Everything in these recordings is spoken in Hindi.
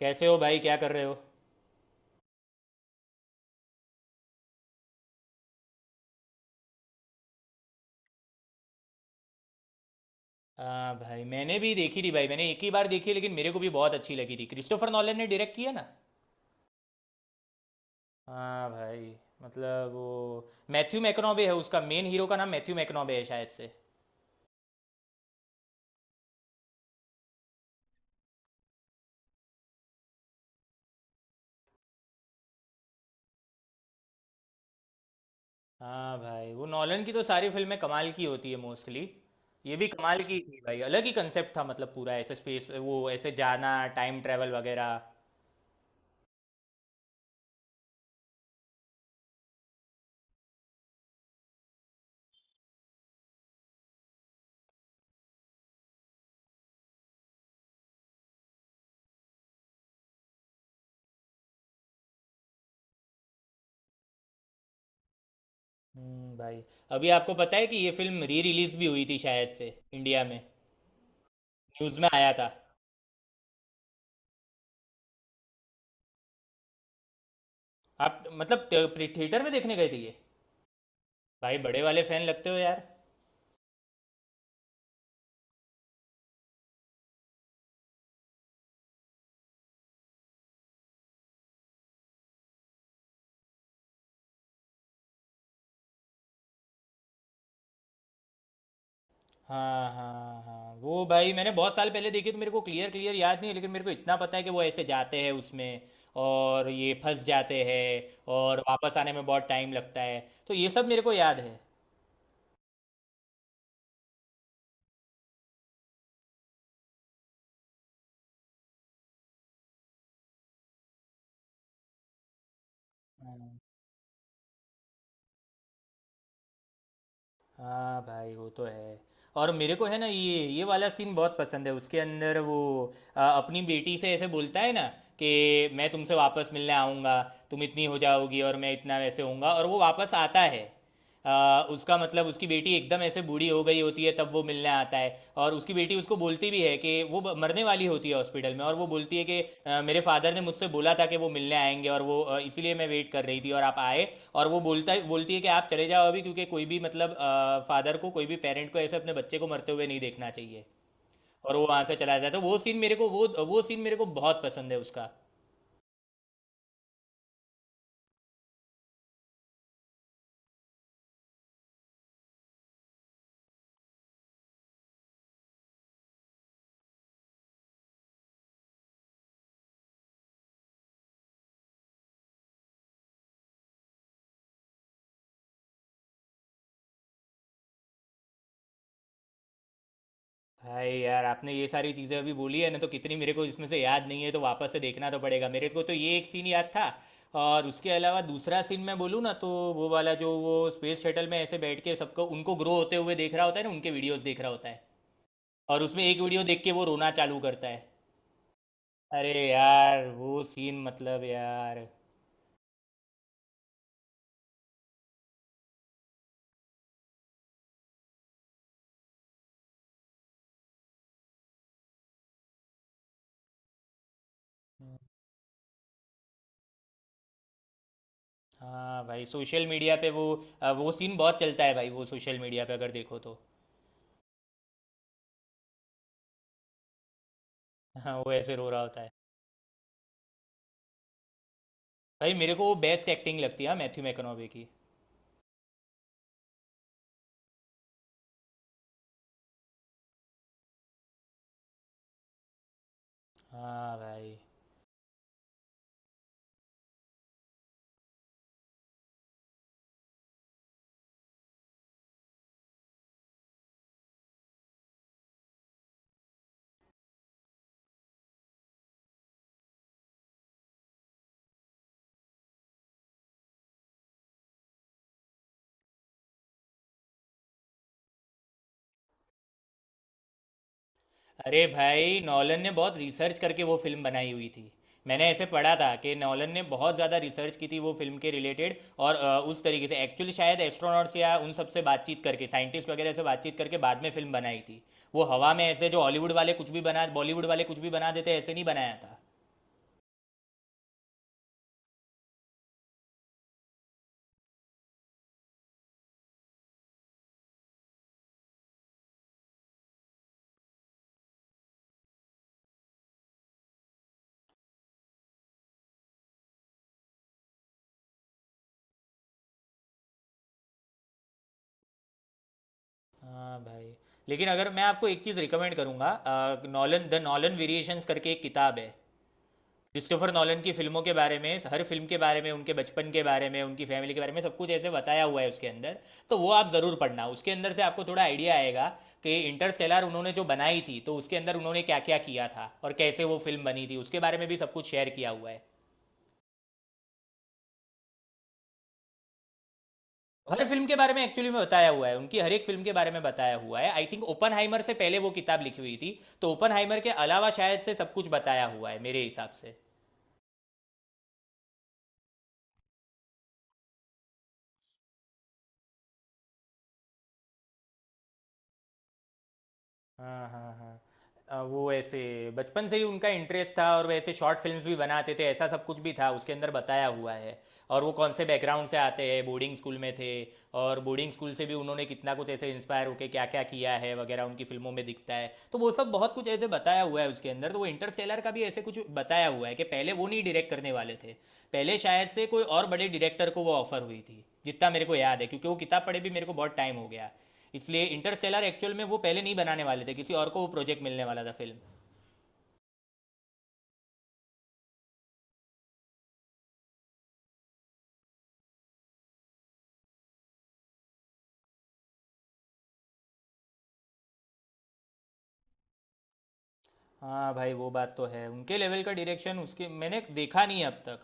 कैसे हो भाई? क्या कर रहे हो? हाँ भाई, मैंने भी देखी थी भाई। मैंने एक ही बार देखी, लेकिन मेरे को भी बहुत अच्छी लगी थी। क्रिस्टोफर नॉलन ने डायरेक्ट किया ना? हाँ भाई। मतलब वो। मैथ्यू मैकनॉबे है उसका, मेन हीरो का नाम मैथ्यू मैकनॉबे है शायद से। हाँ भाई, वो नॉलन की तो सारी फिल्में कमाल की होती है मोस्टली। ये भी कमाल की थी भाई। अलग ही कंसेप्ट था, मतलब पूरा ऐसे स्पेस, वो ऐसे जाना, टाइम ट्रेवल वगैरह। भाई। अभी आपको पता है कि ये फिल्म री रिलीज भी हुई थी शायद से इंडिया में? न्यूज़ में आया था। आप मतलब थिएटर में देखने गए थे ये? भाई बड़े वाले फैन लगते हो यार। हाँ हाँ हाँ वो, भाई मैंने बहुत साल पहले देखी तो मेरे को क्लियर क्लियर याद नहीं है, लेकिन मेरे को इतना पता है कि वो ऐसे जाते हैं उसमें और ये फंस जाते हैं और वापस आने में बहुत टाइम लगता है। तो ये सब मेरे को याद है। हाँ। हाँ भाई, वो तो है। और मेरे को है ना, ये वाला सीन बहुत पसंद है उसके अंदर, वो अपनी बेटी से ऐसे बोलता है ना कि मैं तुमसे वापस मिलने आऊँगा, तुम इतनी हो जाओगी और मैं इतना वैसे होऊंगा और वो वापस आता है। उसका मतलब उसकी बेटी एकदम ऐसे बूढ़ी हो गई होती है, तब वो मिलने आता है। और उसकी बेटी उसको बोलती भी है कि वो मरने वाली होती है हॉस्पिटल में, और वो बोलती है कि मेरे फादर ने मुझसे बोला था कि वो मिलने आएंगे, और वो इसीलिए मैं वेट कर रही थी और आप आए। और वो बोलता बोलती है कि आप चले जाओ अभी, क्योंकि कोई भी मतलब फादर को, कोई भी पेरेंट को ऐसे अपने बच्चे को मरते हुए नहीं देखना चाहिए। और वो वहां से चला जाता है, तो वो सीन मेरे को बहुत पसंद है उसका। भाई यार आपने ये सारी चीज़ें अभी बोली है ना, तो कितनी मेरे को इसमें से याद नहीं है, तो वापस से देखना तो पड़ेगा मेरे को, तो ये एक सीन याद था। और उसके अलावा दूसरा सीन मैं बोलूँ ना तो वो वाला, जो वो स्पेस शटल में ऐसे बैठ के सबको उनको ग्रो होते हुए देख रहा होता है ना, उनके वीडियोस देख रहा होता है, और उसमें एक वीडियो देख के वो रोना चालू करता है। अरे यार वो सीन मतलब यार। हम्म, हाँ भाई सोशल मीडिया पे वो सीन बहुत चलता है भाई, वो सोशल मीडिया पे अगर देखो तो। हाँ वो ऐसे रो रहा होता है। भाई मेरे को वो बेस्ट एक्टिंग लगती है मैथ्यू मैकनोवे की। हाँ भाई। अरे भाई नॉलन ने बहुत रिसर्च करके वो फिल्म बनाई हुई थी। मैंने ऐसे पढ़ा था कि नॉलन ने बहुत ज़्यादा रिसर्च की थी वो फिल्म के रिलेटेड, और उस तरीके से एक्चुअली शायद एस्ट्रोनॉट्स या उन सब से बातचीत करके, साइंटिस्ट वगैरह से बातचीत करके बाद में फिल्म बनाई थी। वो हवा में ऐसे जो हॉलीवुड वाले कुछ भी बना, बॉलीवुड वाले कुछ भी बना देते, ऐसे नहीं बनाया था। हाँ भाई। लेकिन अगर मैं आपको एक चीज़ रिकमेंड करूंगा, नॉलन द नॉलन वेरिएशंस करके एक किताब है, क्रिस्टोफर नॉलन की फिल्मों के बारे में, हर फिल्म के बारे में, उनके बचपन के बारे में, उनकी फैमिली के बारे में सब कुछ ऐसे बताया हुआ है उसके अंदर। तो वो आप ज़रूर पढ़ना, उसके अंदर से आपको थोड़ा आइडिया आएगा कि इंटरस्टेलर उन्होंने जो बनाई थी तो उसके अंदर उन्होंने क्या क्या किया था और कैसे वो फिल्म बनी थी उसके बारे में भी सब कुछ शेयर किया हुआ है। हर फिल्म के बारे में एक्चुअली में बताया हुआ है, उनकी हर एक फिल्म के बारे में बताया हुआ है। आई थिंक ओपन से पहले वो किताब लिखी हुई थी, तो ओपन के अलावा शायद से सब कुछ बताया हुआ है मेरे हिसाब से। हाँ, हाँ, हाँ। वो ऐसे बचपन से ही उनका इंटरेस्ट था और वैसे शॉर्ट फिल्म्स भी बनाते थे, ऐसा सब कुछ भी था उसके अंदर बताया हुआ है। और वो कौन से बैकग्राउंड से आते हैं, बोर्डिंग स्कूल में थे, और बोर्डिंग स्कूल से भी उन्होंने कितना कुछ ऐसे इंस्पायर होके क्या क्या किया है वगैरह उनकी फिल्मों में दिखता है, तो वो सब बहुत कुछ ऐसे बताया हुआ है उसके अंदर। तो वो इंटरस्टेलर का भी ऐसे कुछ बताया हुआ है कि पहले वो नहीं डायरेक्ट करने वाले थे, पहले शायद से कोई और बड़े डायरेक्टर को वो ऑफर हुई थी जितना मेरे को याद है, क्योंकि वो किताब पढ़े भी मेरे को बहुत टाइम हो गया। इसलिए इंटरस्टेलर एक्चुअल में वो पहले नहीं बनाने वाले थे, किसी और को वो प्रोजेक्ट मिलने वाला था फिल्म। हाँ भाई वो बात तो है, उनके लेवल का डायरेक्शन उसके मैंने देखा नहीं अब तक,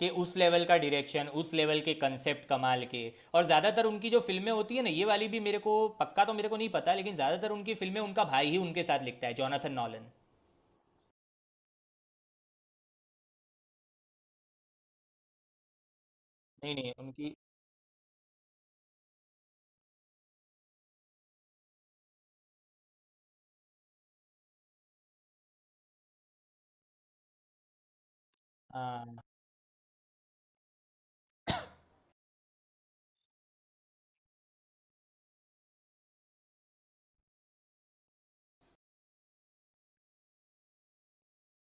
कि उस लेवल का डायरेक्शन, उस लेवल के कंसेप्ट कमाल के। और ज़्यादातर उनकी जो फिल्में होती है ना, ये वाली भी मेरे को पक्का तो मेरे को नहीं पता, लेकिन ज़्यादातर उनकी फिल्में उनका भाई ही उनके साथ लिखता है, जोनाथन नॉलन। नहीं नहीं उनकी। हाँ।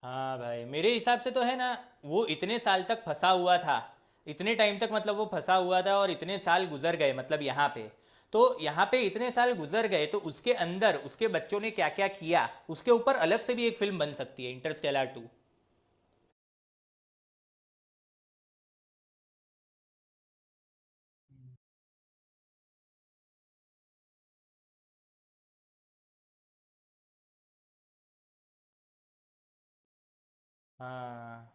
हाँ भाई मेरे हिसाब से तो है ना, वो इतने साल तक फंसा हुआ था, इतने टाइम तक, मतलब वो फंसा हुआ था और इतने साल गुजर गए मतलब यहाँ पे, तो यहाँ पे इतने साल गुजर गए, तो उसके अंदर उसके बच्चों ने क्या क्या किया उसके ऊपर अलग से भी एक फिल्म बन सकती है, इंटरस्टेलर टू। हाँ।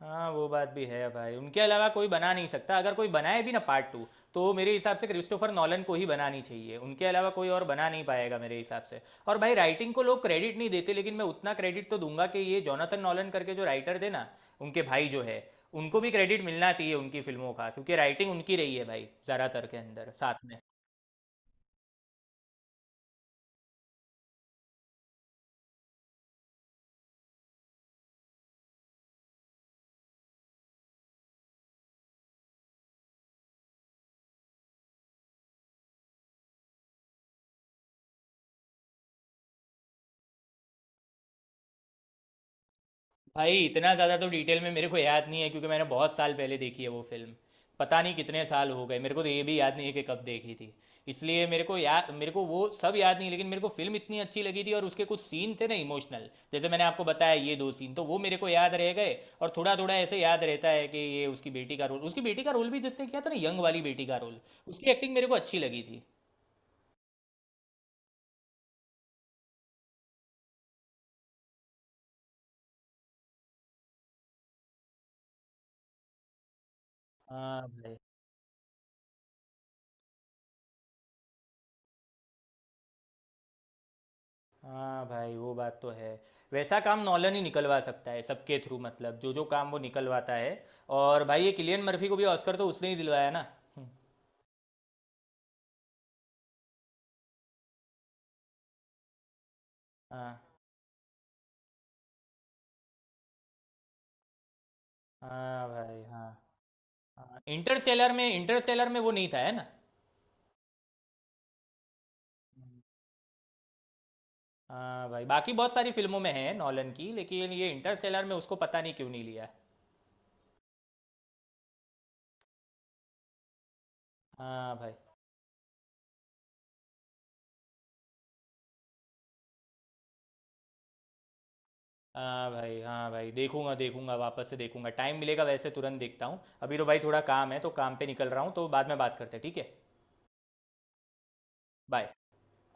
हाँ वो बात भी है भाई, उनके अलावा कोई बना नहीं सकता, अगर कोई बनाए भी ना पार्ट टू, तो मेरे हिसाब से क्रिस्टोफर नॉलन को ही बनानी चाहिए, उनके अलावा कोई और बना नहीं पाएगा मेरे हिसाब से। और भाई राइटिंग को लोग क्रेडिट नहीं देते, लेकिन मैं उतना क्रेडिट तो दूंगा कि ये जोनाथन नॉलन करके जो राइटर थे ना, उनके भाई जो है, उनको भी क्रेडिट मिलना चाहिए उनकी फिल्मों का, क्योंकि राइटिंग उनकी रही है भाई ज़्यादातर के अंदर साथ में। भाई इतना ज़्यादा तो डिटेल में मेरे को याद नहीं है, क्योंकि मैंने बहुत साल पहले देखी है वो फिल्म, पता नहीं कितने साल हो गए, मेरे को तो ये भी याद नहीं है कि कब देखी थी, इसलिए मेरे को वो सब याद नहीं, लेकिन मेरे को फिल्म इतनी अच्छी लगी थी और उसके कुछ सीन थे ना इमोशनल, जैसे मैंने आपको बताया ये दो सीन, तो वो मेरे को याद रह गए। और थोड़ा थोड़ा ऐसे याद रहता है कि ये उसकी बेटी का रोल भी, जिसने किया था ना, यंग वाली बेटी का रोल, उसकी एक्टिंग मेरे को अच्छी लगी थी। हाँ भाई, हाँ भाई वो बात तो है। वैसा काम नॉलन ही निकलवा सकता है सबके थ्रू, मतलब जो जो काम वो निकलवाता है। और भाई ये किलियन मर्फी को भी ऑस्कर तो उसने ही दिलवाया ना। हम्म, हाँ हाँ भाई। हाँ, हाँ इंटरस्टेलर में वो नहीं था है ना? हम्म। हाँ भाई बाकी बहुत सारी फिल्मों में है नॉलन की, लेकिन ये इंटरस्टेलर में उसको पता नहीं क्यों नहीं लिया। हाँ भाई। हाँ भाई हाँ भाई देखूंगा देखूंगा वापस से देखूंगा, टाइम मिलेगा वैसे तुरंत देखता हूँ, अभी तो भाई थोड़ा काम है तो काम पे निकल रहा हूँ, तो बाद में बात करते हैं ठीक है। बाय।